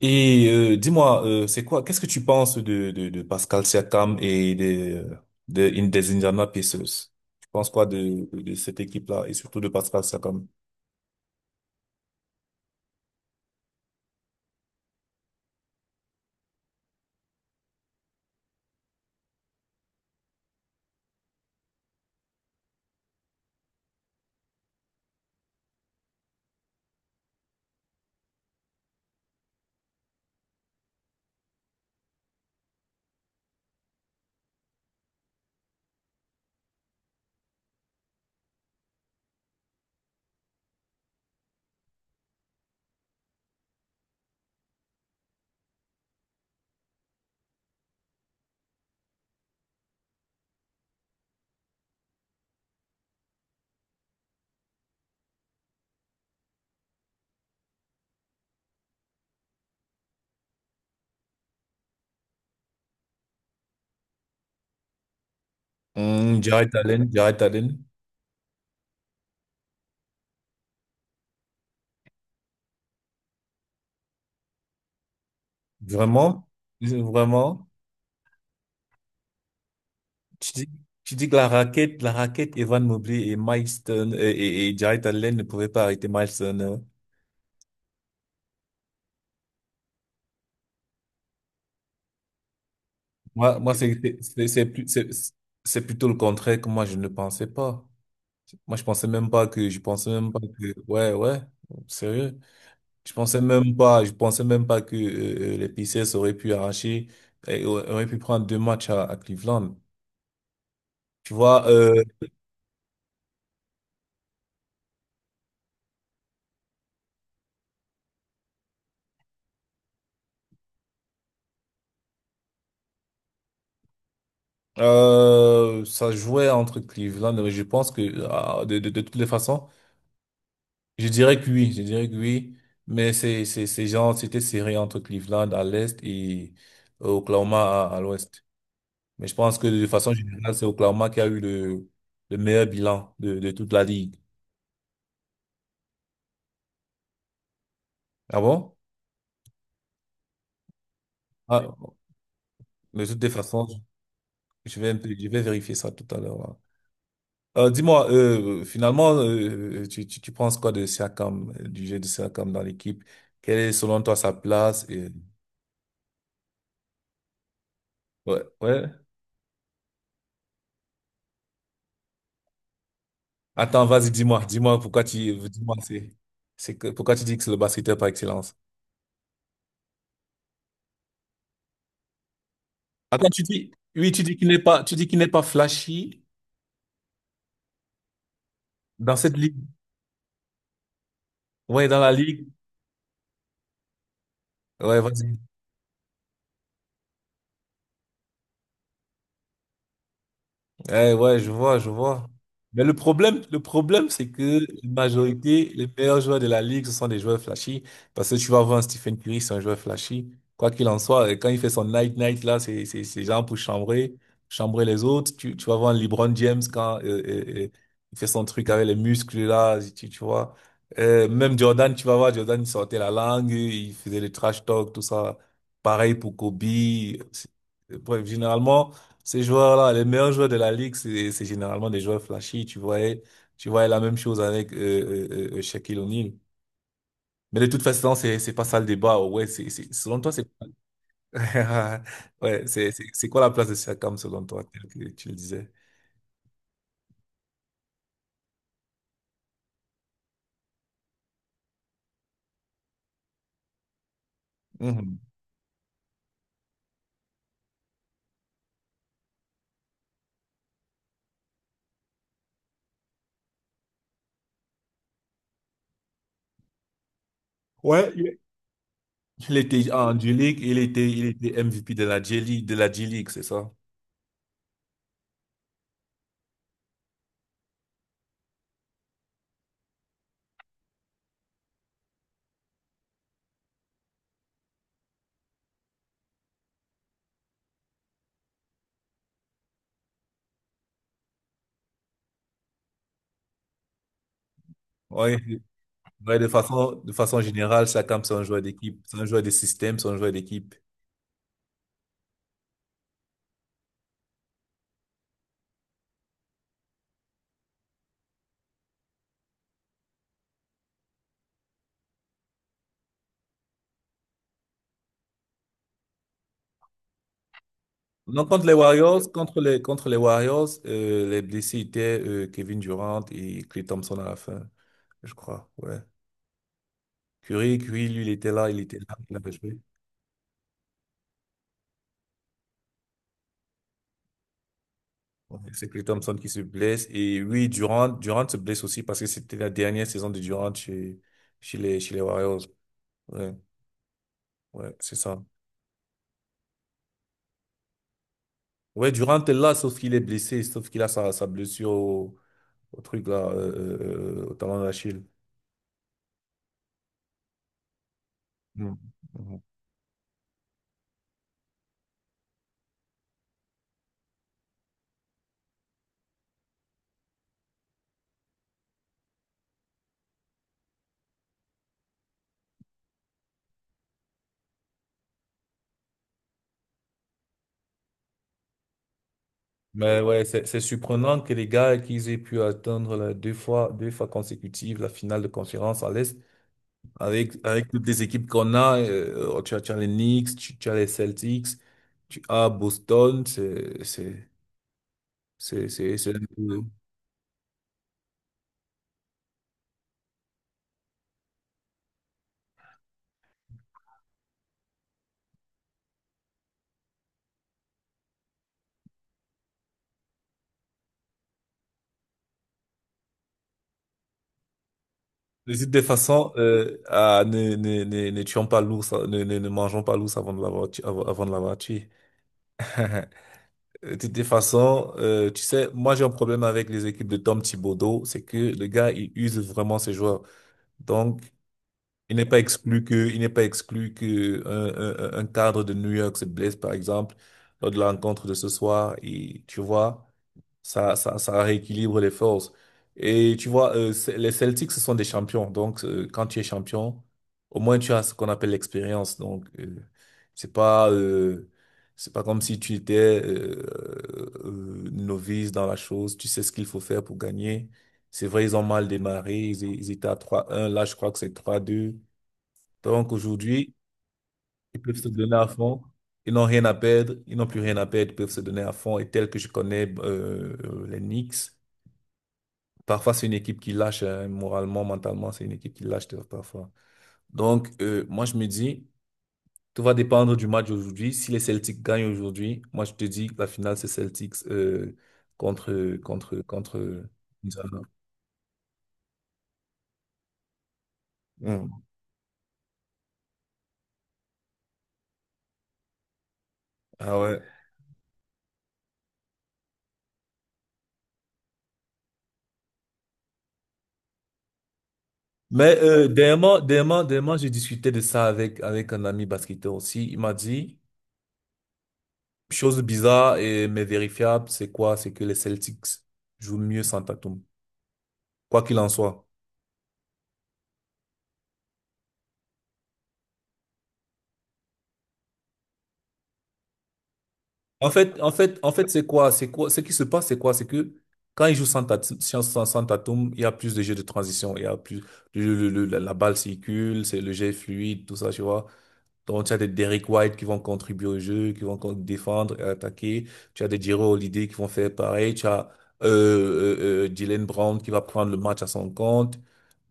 Dis-moi, c'est quoi, qu'est-ce que tu penses de Pascal Siakam et des Indiana Pacers? Tu penses quoi de cette équipe-là et surtout de Pascal Siakam? Hmm, Jarrett Allen, vraiment, vraiment. Tu dis, tu dis que la raquette Evan Mobley et et Jarrett Allen ne pouvaient pas arrêter Miles Turner. Moi, c'est plutôt le contraire que moi je ne pensais pas. Moi, je pensais même pas que, ouais, ouais, sérieux. Je pensais même pas que les Pacers auraient pu prendre deux matchs à Cleveland. Tu vois, ça jouait entre Cleveland, mais je pense que, de toutes les façons, je dirais que oui, mais c'est genre, c'était serré entre Cleveland à l'est et Oklahoma à l'ouest. Mais je pense que de façon générale, c'est Oklahoma qui a eu le meilleur bilan de toute la ligue. Ah bon? Ah, mais de toutes les façons, je vais vérifier ça tout à l'heure là. Dis-moi, finalement, tu penses quoi de Siakam, du jeu de Siakam dans l'équipe? Quelle est selon toi sa place? Et... Ouais, ouais. Attends, vas-y, dis-moi pourquoi tu, dis-moi, pourquoi tu dis que c'est le basketteur par excellence? Attends, tu dis, oui, tu dis qu'il n'est pas flashy dans cette ligue. Ouais, dans la ligue. Ouais, vas-y. Eh ouais, je vois, je vois. Mais le problème, c'est que la majorité, les meilleurs joueurs de la ligue, ce sont des joueurs flashy. Parce que tu vas voir un Stephen Curry, c'est un joueur flashy. Quoi qu'il en soit, et quand il fait son night night là, c'est genre pour chambrer les autres. Tu vas voir un LeBron James quand il fait son truc avec les muscles là, tu vois. Même Jordan, tu vas voir Jordan, il sortait la langue, il faisait le trash talk, tout ça. Pareil pour Kobe. C'est- Bref, généralement. Ces joueurs-là, les meilleurs joueurs de la ligue, c'est généralement des joueurs flashy. Tu voyais la même chose avec Shaquille O'Neal. Mais de toute façon, c'est pas ça le débat. Ouais, c'est selon toi, c'est ouais, c'est quoi la place de Siakam selon toi, tel que tu le disais? Mhm. Ouais, il était en J-League, il était MVP de la J-League, c'est ça? Ouais. Ouais, de façon générale, Siakam, c'est un joueur d'équipe, c'est un joueur de système, c'est un joueur d'équipe. Non, contre les Warriors, contre les Warriors, les blessés étaient Kevin Durant et Klay Thompson à la fin, je crois. Ouais. Curry, lui, il était là, il avait joué. Ouais. C'est Klay Thompson qui se blesse. Et oui, Durant se blesse aussi parce que c'était la dernière saison de Durant chez les Warriors. Ouais, ouais, c'est ça. Ouais, Durant est là, sauf qu'il est blessé, sauf qu'il a sa blessure au truc là, euh, au talon d'Achille. Mhm. Mhm. Mais ouais, c'est surprenant que les gars qu'ils aient pu atteindre la deux fois consécutives la finale de conférence à l'Est avec toutes les équipes qu'on a. Tu as les Knicks, tu as les Celtics, tu as Boston. C'est c'est un peu- Les autres, de façon, ne tuons pas l'ours, ne mangeons pas l'ours avant de l'avoir avant de l'avoir tué. De toutes les façons, tu sais, moi j'ai un problème avec les équipes de Tom Thibodeau, c'est que le gars, il use vraiment ses joueurs. Donc, il n'est pas exclu que un cadre de New York se blesse, par exemple, lors de la rencontre de ce soir. Et tu vois, ça rééquilibre les forces. Et tu vois, les Celtics, ce sont des champions. Donc, quand tu es champion, au moins tu as ce qu'on appelle l'expérience. Donc, c'est pas, euh, c'est pas comme si tu étais euh, novice dans la chose. Tu sais ce qu'il faut faire pour gagner. C'est vrai, ils ont mal démarré. Ils étaient à trois un. Là, je crois que c'est trois deux. Donc, aujourd'hui, ils peuvent se donner à fond. Ils n'ont rien à perdre. Ils n'ont plus rien à perdre. Ils peuvent se donner à fond. Et tel que je connais les Knicks. Parfois, c'est une équipe qui lâche, hein, moralement, mentalement, c'est une équipe qui lâche parfois. Donc, moi, je me dis, tout va dépendre du match aujourd'hui. Si les Celtics gagnent aujourd'hui, moi, je te dis que la finale, c'est Celtics contre Indiana. Mm. Ah ouais. Mais dernièrement, j'ai discuté de ça avec un ami basketteur aussi. Il m'a dit, chose bizarre et mais vérifiable, c'est quoi? C'est que les Celtics jouent mieux sans Tatum. Quoi qu'il en soit. En fait, c'est quoi? C'est quoi? Ce qui se passe, c'est quoi? C'est que quand ils jouent sans Tatum, il y a plus de jeux de transition, il y a plus la balle circule, c'est le jet est fluide, tout ça, tu vois. Donc, tu as des Derrick White qui vont contribuer au jeu, qui vont défendre et attaquer. Tu as des Jrue Holiday qui vont faire pareil. Tu as Jaylen Brown qui va prendre le match à son compte.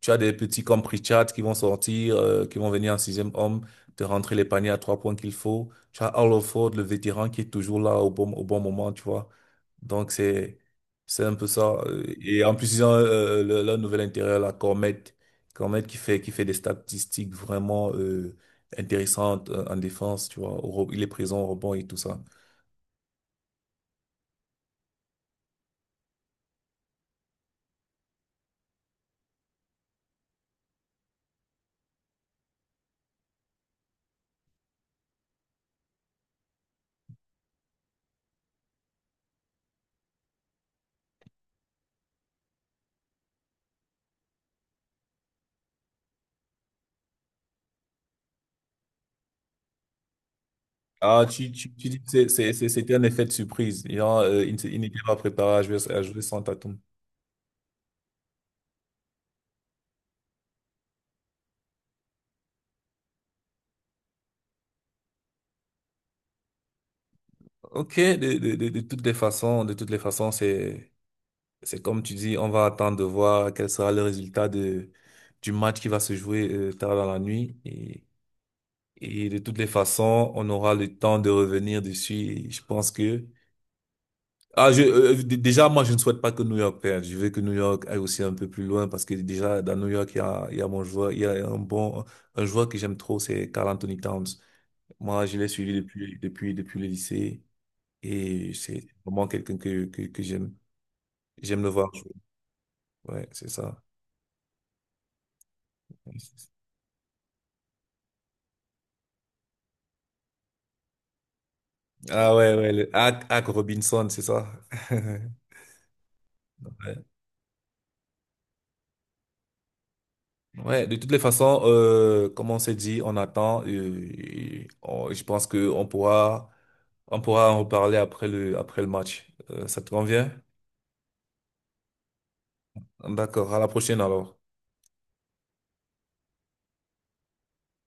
Tu as des petits comme Pritchard qui vont sortir, qui vont venir en sixième homme, te rentrer les paniers à trois points qu'il faut. Tu as Hollowford, le vétéran, qui est toujours là au au bon moment, tu vois. Donc, c'est un peu ça. Et en plus, ils ont leur nouvel intérieur, la Cormet. Cormet qui fait des statistiques vraiment intéressantes en défense, tu vois. Il est présent au rebond et tout ça. Ah, tu dis que c'était un effet de surprise. Il, a, il ne s'est- il n'était pas préparé à jouer sans Tatum. Ok, de toutes les façons, de toutes les façons, c'est comme tu dis, on va attendre de voir quel sera le résultat du match qui va se jouer tard dans la nuit. Et de toutes les façons, on aura le temps de revenir dessus. Et je pense que, déjà, moi, je ne souhaite pas que New York perde. Je veux que New York aille aussi un peu plus loin parce que déjà, dans New York, il y a mon joueur, il y a un bon, un joueur que j'aime trop, c'est Karl Anthony Towns. Moi, je l'ai suivi depuis le lycée. Et c'est vraiment quelqu'un que j'aime. J'aime le voir jouer. Ouais, c'est ça. Ah ouais, ouais, le Hack Robinson, c'est ça. Ouais. Ouais, de toutes les façons, comme on s'est dit, on attend. Je pense que on pourra en reparler après après le match. Ça te convient? D'accord, à la prochaine alors.